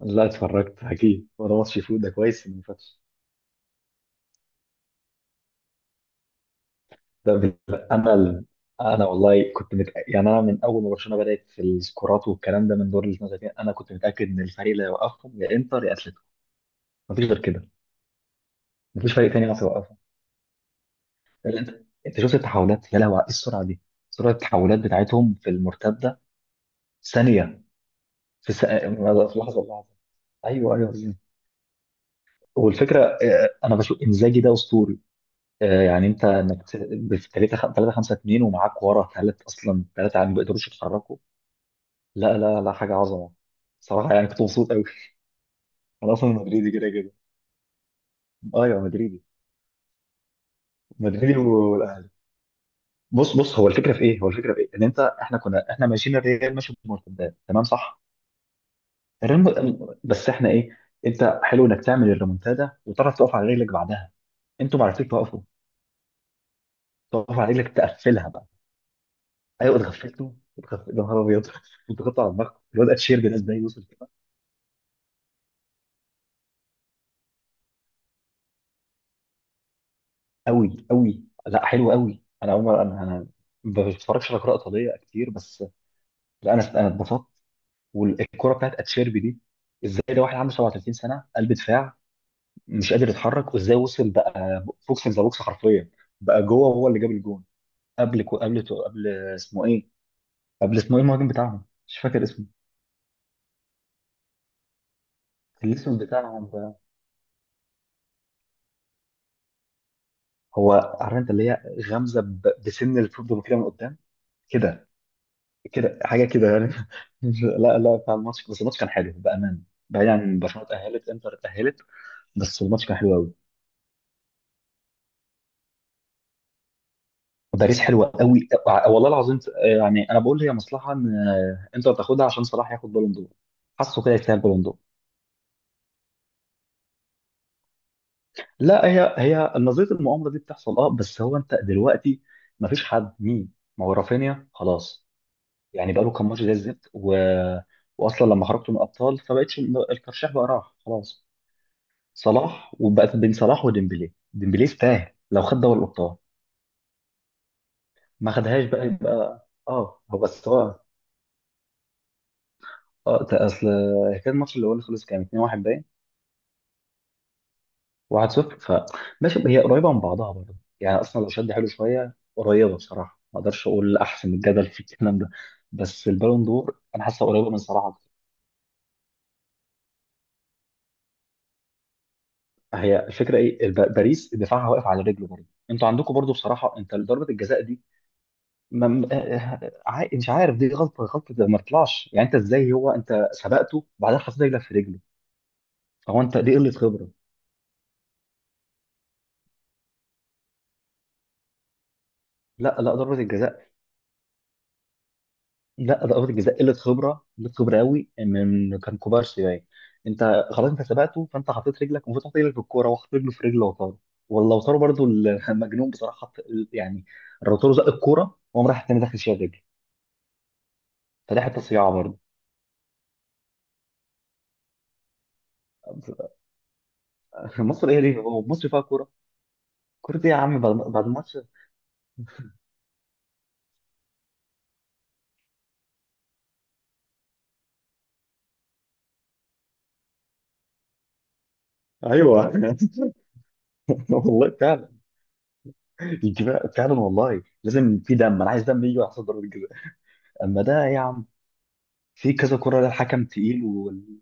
لا، اتفرجت اكيد، وده ماتش فوت، ده كويس انه ما فاتش. ده بال- انا ال... انا والله كنت مت... يعني انا من اول ما برشلونه بدات في السكورات والكلام ده من دور ال 32، انا كنت متاكد ان الفريق اللي هيوقفهم يا انتر يا اتلتيكو. مفيش غير كده. مفيش فريق تاني عارف يوقفهم. لأن انت شفت التحولات، يا لهوي، على ايه السرعه دي! سرعه التحولات بتاعتهم في المرتده، ثانيه. في لحظه لحظه. ايوه، ايوه. والفكره، انا بشوف انزاجي ده اسطوري. يعني في 3 3 5 2، ومعاك ورا ثلاث، اصلا ثلاثه، يعني ما بيقدروش يتحركوا. لا، لا، لا، حاجه عظمه. صراحه يعني كنت مبسوط قوي. انا اصلا مدريدي كده كده. ايوه، مدريدي. مدريدي والاهلي. بص بص، هو الفكره في ايه؟ ان انت احنا كنا احنا ماشيين، الريال ماشي بمرتدات، تمام، صح. بس احنا ايه؟ انت حلو انك تعمل الريمونتادا، وتعرف تقف على رجلك بعدها. انتوا ما عرفتوش توقفوا. تقف على رجلك، تقفلها بقى. ايوه، اتغفلتوا، اتغفلتوا يا نهار ابيض! انتوا خدتوا على دماغكم، الواد اتشير ده ازاي وصل! قوي، قوي. لا، حلو قوي. انا اول مره انا ما بتفرجش على كره ايطاليه كتير، بس. لا، انا اتبسطت. والكره بتاعت اتشيربي دي، ازاي ده واحد عنده 37 سنه، قلب دفاع، مش قادر يتحرك، وازاي وصل بقى بوكس ذا بوكس حرفيا! بقى جوه هو اللي جاب الجون. قبل كو قبل قبل اسمه ايه؟ قبل، اسمه ايه المهاجم بتاعهم؟ مش فاكر اسمه. الاسم بتاعهم ده، هو عارف؟ انت اللي هي غمزه بسن الفوتبول كده من قدام. كده، كده حاجه كده يعني. لا، لا، بتاع الماتش، بس الماتش كان حلو بامانه. بعيد عن برشلونه اتاهلت، انتر اتاهلت. بس الماتش كان حلو قوي. وباريس حلوه قوي، والله العظيم. يعني انا بقول هي مصلحه ان انتر تاخدها عشان صلاح ياخد بالون دور. حاسه كده، يستاهل بالون دور. لا، هي نظريه المؤامره دي بتحصل. اه بس انت دلوقتي، ما فيش حد، مين؟ ما هو رافينيا خلاص، يعني بقى له كام ماتش زي الزفت واصلا لما خرجتوا من الابطال فبقتش. الترشيح بقى راح خلاص، صلاح. وبقت بين صلاح وديمبلي. ديمبلي يستاهل لو خد دوري الابطال. ما خدهاش بقى، يبقى هو، بس. اه، ده اصل كان الماتش اللي خلص كان 2-1 باين. 1-0، فماشي، هي قريبه من بعضها برضه يعني، اصلا لو شد حلو شويه قريبه. بصراحه ما اقدرش اقول احسن، الجدل في الكلام ده. بس البالون دور، انا حاسه قريبه من صلاح اكتر. هي الفكره ايه؟ باريس دفاعها واقف على رجله برضه. انتوا عندكم برضه بصراحه، انت ضربه الجزاء دي، ما م- عا- مش عارف. دي غلطه غلطه، ده ما طلعش، يعني انت ازاي؟ انت سبقته، بعدين حطيت رجلك في رجله. فهو انت، دي قله خبره. لا، لا، ضربه الجزاء. لا، ضربه الجزاء قله خبره، قله خبره قوي، من كان كوبارسي باين. انت، خلاص، انت سبقته، فانت حطيت رجلك، المفروض تحط رجلك في الكوره، وحط رجله في رجل لوتارو. والله لوتارو برضو المجنون. بصراحه حط يعني، لوتارو زق الكوره وقام راح التاني داخل شايل رجله. فدي حته صياعه برضه. مصر ايه؟ ليه هو مصر فيها كوره؟ كوره ايه يا عم؟ بعد الماتش. ايوه. والله يجي فعلا، والله لازم، في دم، انا عايز دم يجي على حسب ضربة الجزاء. اما ده يا عم! في كذا كرة. ده الحكم تقيل،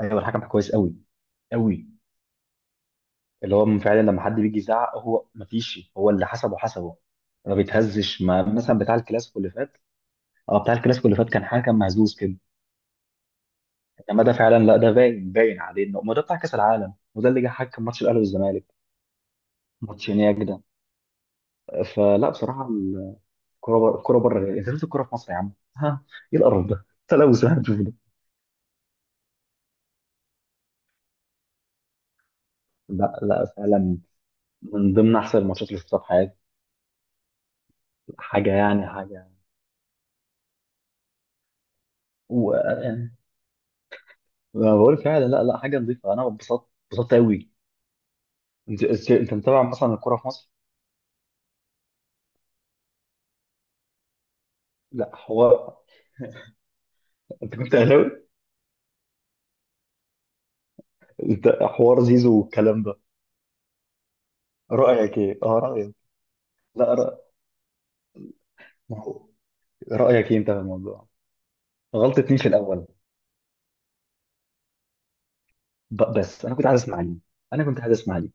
ايوه، الحكم كويس قوي. قوي. اللي هو فعلا لما حد بيجي يزعق، هو ما فيش، هو اللي حسبه حسبه. ما بيتهزش، ما مثلا بتاع الكلاسيكو اللي فات. اه، بتاع الكلاسيكو اللي فات كان حكم مهزوز كده. انما ده فعلا لا، ده باين، باين عليه انه ما. ده بتاع كاس العالم، وده اللي جه حكم ماتش الاهلي والزمالك. ماتش هناك ده. فلا، بصراحه الكوره بره، الكوره بره، انت شفت الكوره في مصر يا عم؟ ها؟ ايه القرف ده! تلوث. لا، لا، فعلا. من ضمن احسن الماتشات اللي شفتها في حياتي. حاجه يعني، حاجه. يعني، أنا بقول فعلا، لا، لا، حاجه نظيفه، انا اتبسطت، اتبسطت قوي. انت متابع مثلا الكوره في مصر؟ لا حوار. انت كنت اهلاوي؟ انت حوار زيزو والكلام ده. رايك ايه؟ اه، رايك. لا، ما هو، رايك ايه انت في الموضوع؟ غلطة مين في الاول؟ بس انا كنت عايز اسمع، ليه؟ انا كنت عايز اسمع، ليه؟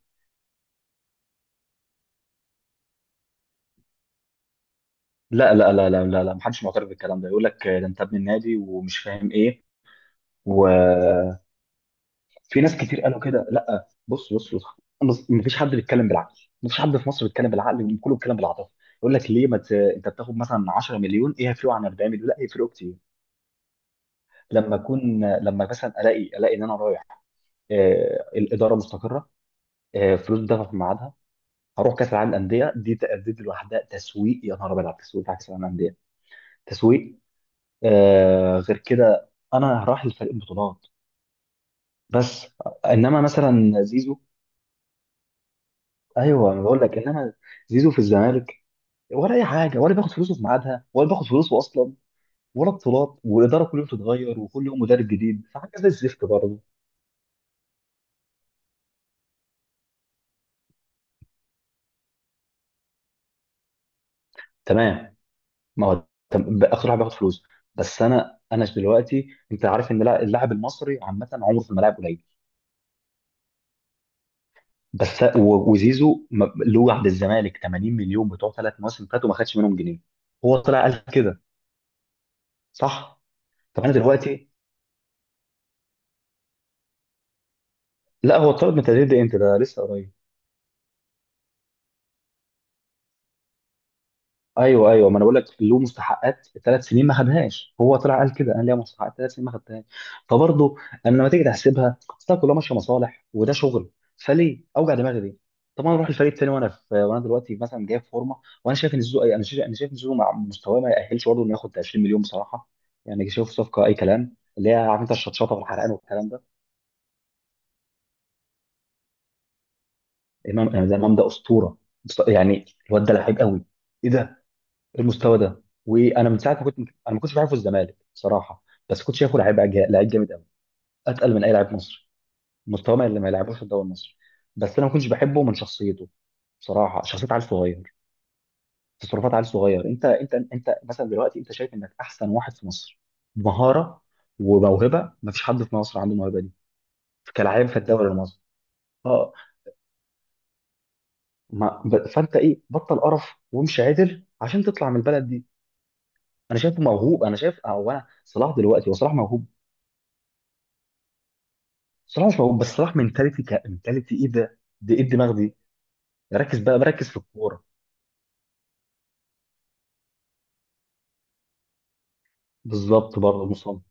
لا، لا، لا، لا، لا، لا، محدش معترف بالكلام ده. يقول لك ده انت ابن النادي، ومش فاهم ايه. و في ناس كتير قالوا كده. لا، بص بص بص. بص، مفيش حد بيتكلم بالعقل. مفيش حد في مصر بيتكلم بالعقل، كله بيتكلم بالعاطفه. يقول لك ليه ما ت... انت بتاخد مثلا 10 مليون، ايه هيفرقوا عن 40 مليون؟ لا، هيفرقوا كتير. لما مثلا الاقي ان انا رايح، الاداره مستقره، فلوس بتدفع في ميعادها، هروح كاس العالم للانديه دي تأديت لوحدها. تسويق، يا نهار ابيض على التسويق بتاع كاس العالم للانديه! تسويق! غير كده انا رايح لفريق بطولات، بس انما مثلا زيزو. ايوه انا بقول لك، انما زيزو في الزمالك، ولا اي حاجه، ولا بياخد فلوسه في ميعادها، ولا بياخد فلوسه اصلا، ولا بطولات، والاداره كل يوم تتغير، وكل يوم مدرب جديد، فحاجه زي الزفت برضه. تمام. ما هو، بقى اخر واحد بياخد فلوس. بس انا دلوقتي انت عارف ان اللاعب المصري عامه عمره في الملاعب قليل. بس وزيزو له عند الزمالك 80 مليون بتوع 3 مواسم فاتوا، ما خدش منهم جنيه. هو طلع قال كده. صح. طب انا دلوقتي، لا، هو اتطرد من التدريب ده امتى؟ ده لسه قريب. ايوه، ايوه، ما انا بقول لك، له مستحقات 3 سنين ما خدهاش، هو طلع قال كده، قال لي مستحقات 3 سنين ما خدتهاش. فبرضه، انا لما تيجي تحسبها، اصل كلها ماشيه مصالح، وده شغل. فليه اوجع دماغي ليه؟ طب انا اروح الفريق التاني، وانا دلوقتي مثلا جاي في فورمه. وانا شايف ان زيزو انا شايف انا شايف ان زيزو مع مستواه ما يأهلش برضه انه ياخد 20 مليون، بصراحه. يعني شايف صفقه اي كلام اللي هي عارف انت، الشطشطه والحرقان والكلام ده. امام ده، إمام ده اسطوره. يعني الواد ده لعيب قوي. ايه ده! المستوى ده! وانا من ساعه ما كنت انا ما كنتش بعرفه الزمالك بصراحه، بس كنت شايفه لعيب جامد قوي. اتقل من اي لاعب مصري. مستواه ما اللي ما يلعبوش في الدوري المصري. بس انا ما كنتش بحبه من شخصيته. بصراحه شخصيه عيل صغير، تصرفات عيل صغير. انت مثلا دلوقتي انت شايف انك احسن واحد في مصر. بمهاره وموهبه ما فيش حد في مصر عنده الموهبه دي، كلاعب في الدوري المصري. اه ما ب- فانت ايه، بطل قرف وامشي عدل عشان تطلع من البلد دي. انا شايفه موهوب. انا شايف او انا، صلاح دلوقتي، وصلاح موهوب. صلاح مش موجود بس، صلاح منتاليتي كمنتاليتي، ايه ده؟ دي ايه الدماغ دي؟ ركز بقى، بركز في الكوره. بالظبط برضه، مصاب.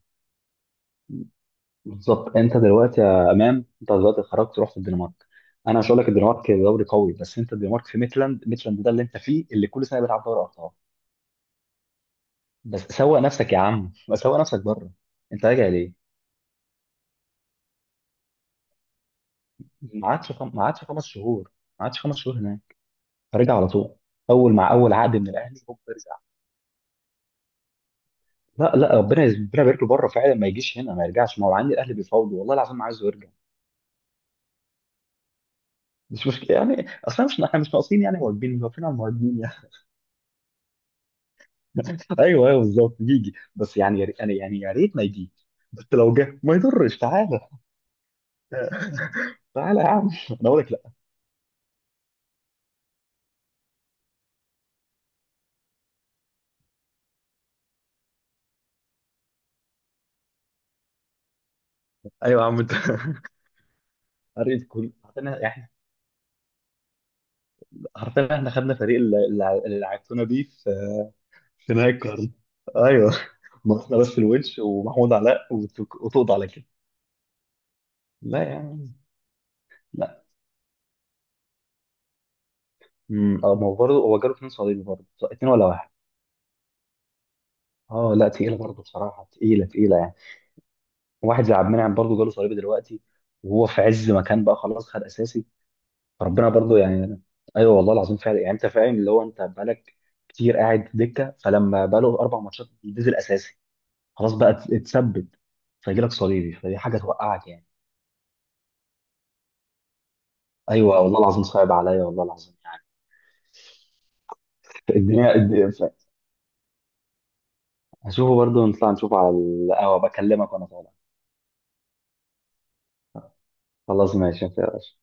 بالظبط، انت دلوقتي يا امام، انت دلوقتي خرجت رحت الدنمارك. انا مش هقول لك الدنمارك دوري قوي، بس انت الدنمارك في ميتلاند. ميتلاند ده اللي انت فيه، اللي كل سنه بيلعب دوري ابطال. بس سوق نفسك يا عم، بس سوق نفسك بره. انت راجع ليه؟ ما عادش 5 شهور. ما عادش 5 شهور هناك، رجع على طول، اول مع اول عقد من الاهلي، هوب! لا، لا، ربنا يبارك له بره فعلا، ما يجيش هنا، ما يرجعش، ما هو عندي الاهلي بيفاوضوا والله العظيم ما عايزه يرجع. مش مشكله يعني اصلا، مش احنا مش ناقصين يعني، مواجبين واقفين على المواجبين يعني. ايوه، ايوه، بالظبط يجي، بس يعني يعني يا ريت ما يجي. بس لو جه ما يضرش. تعالى. تعالى يا عم، انا اقول لك، لا. ايوه يا عم، انت! قريت كل، حرفيا احنا، حرفيا احنا خدنا فريق اللي لعبتونا بيه في نهاية القرن. ايوه. ناقصنا بس الونش ومحمود علاء وتقضى على كده. لا يعني. اه، ما هو برضه، هو جاله اثنين صليبي برضه، اتنين ولا واحد؟ اه، لا، تقيله برضه بصراحه، تقيله تقيله يعني. واحد زي عبد المنعم برضه، جاله صليبي دلوقتي، وهو في عز مكان، بقى خلاص خد اساسي. فربنا برضه يعني. ايوه والله العظيم فعلا، يعني انت فاهم اللي هو، انت بقالك كتير قاعد دكه، فلما بقاله 4 ماتشات نزل اساسي، خلاص بقى اتثبت. فيجي لك صليبي، فدي حاجه توقعك يعني. ايوه والله العظيم، صعب عليا والله العظيم يعني. الدنيا الد- هشوفه برضه، نطلع نشوفه على القهوه، بكلمك وانا طالع. خلاص ماشي يا باشا.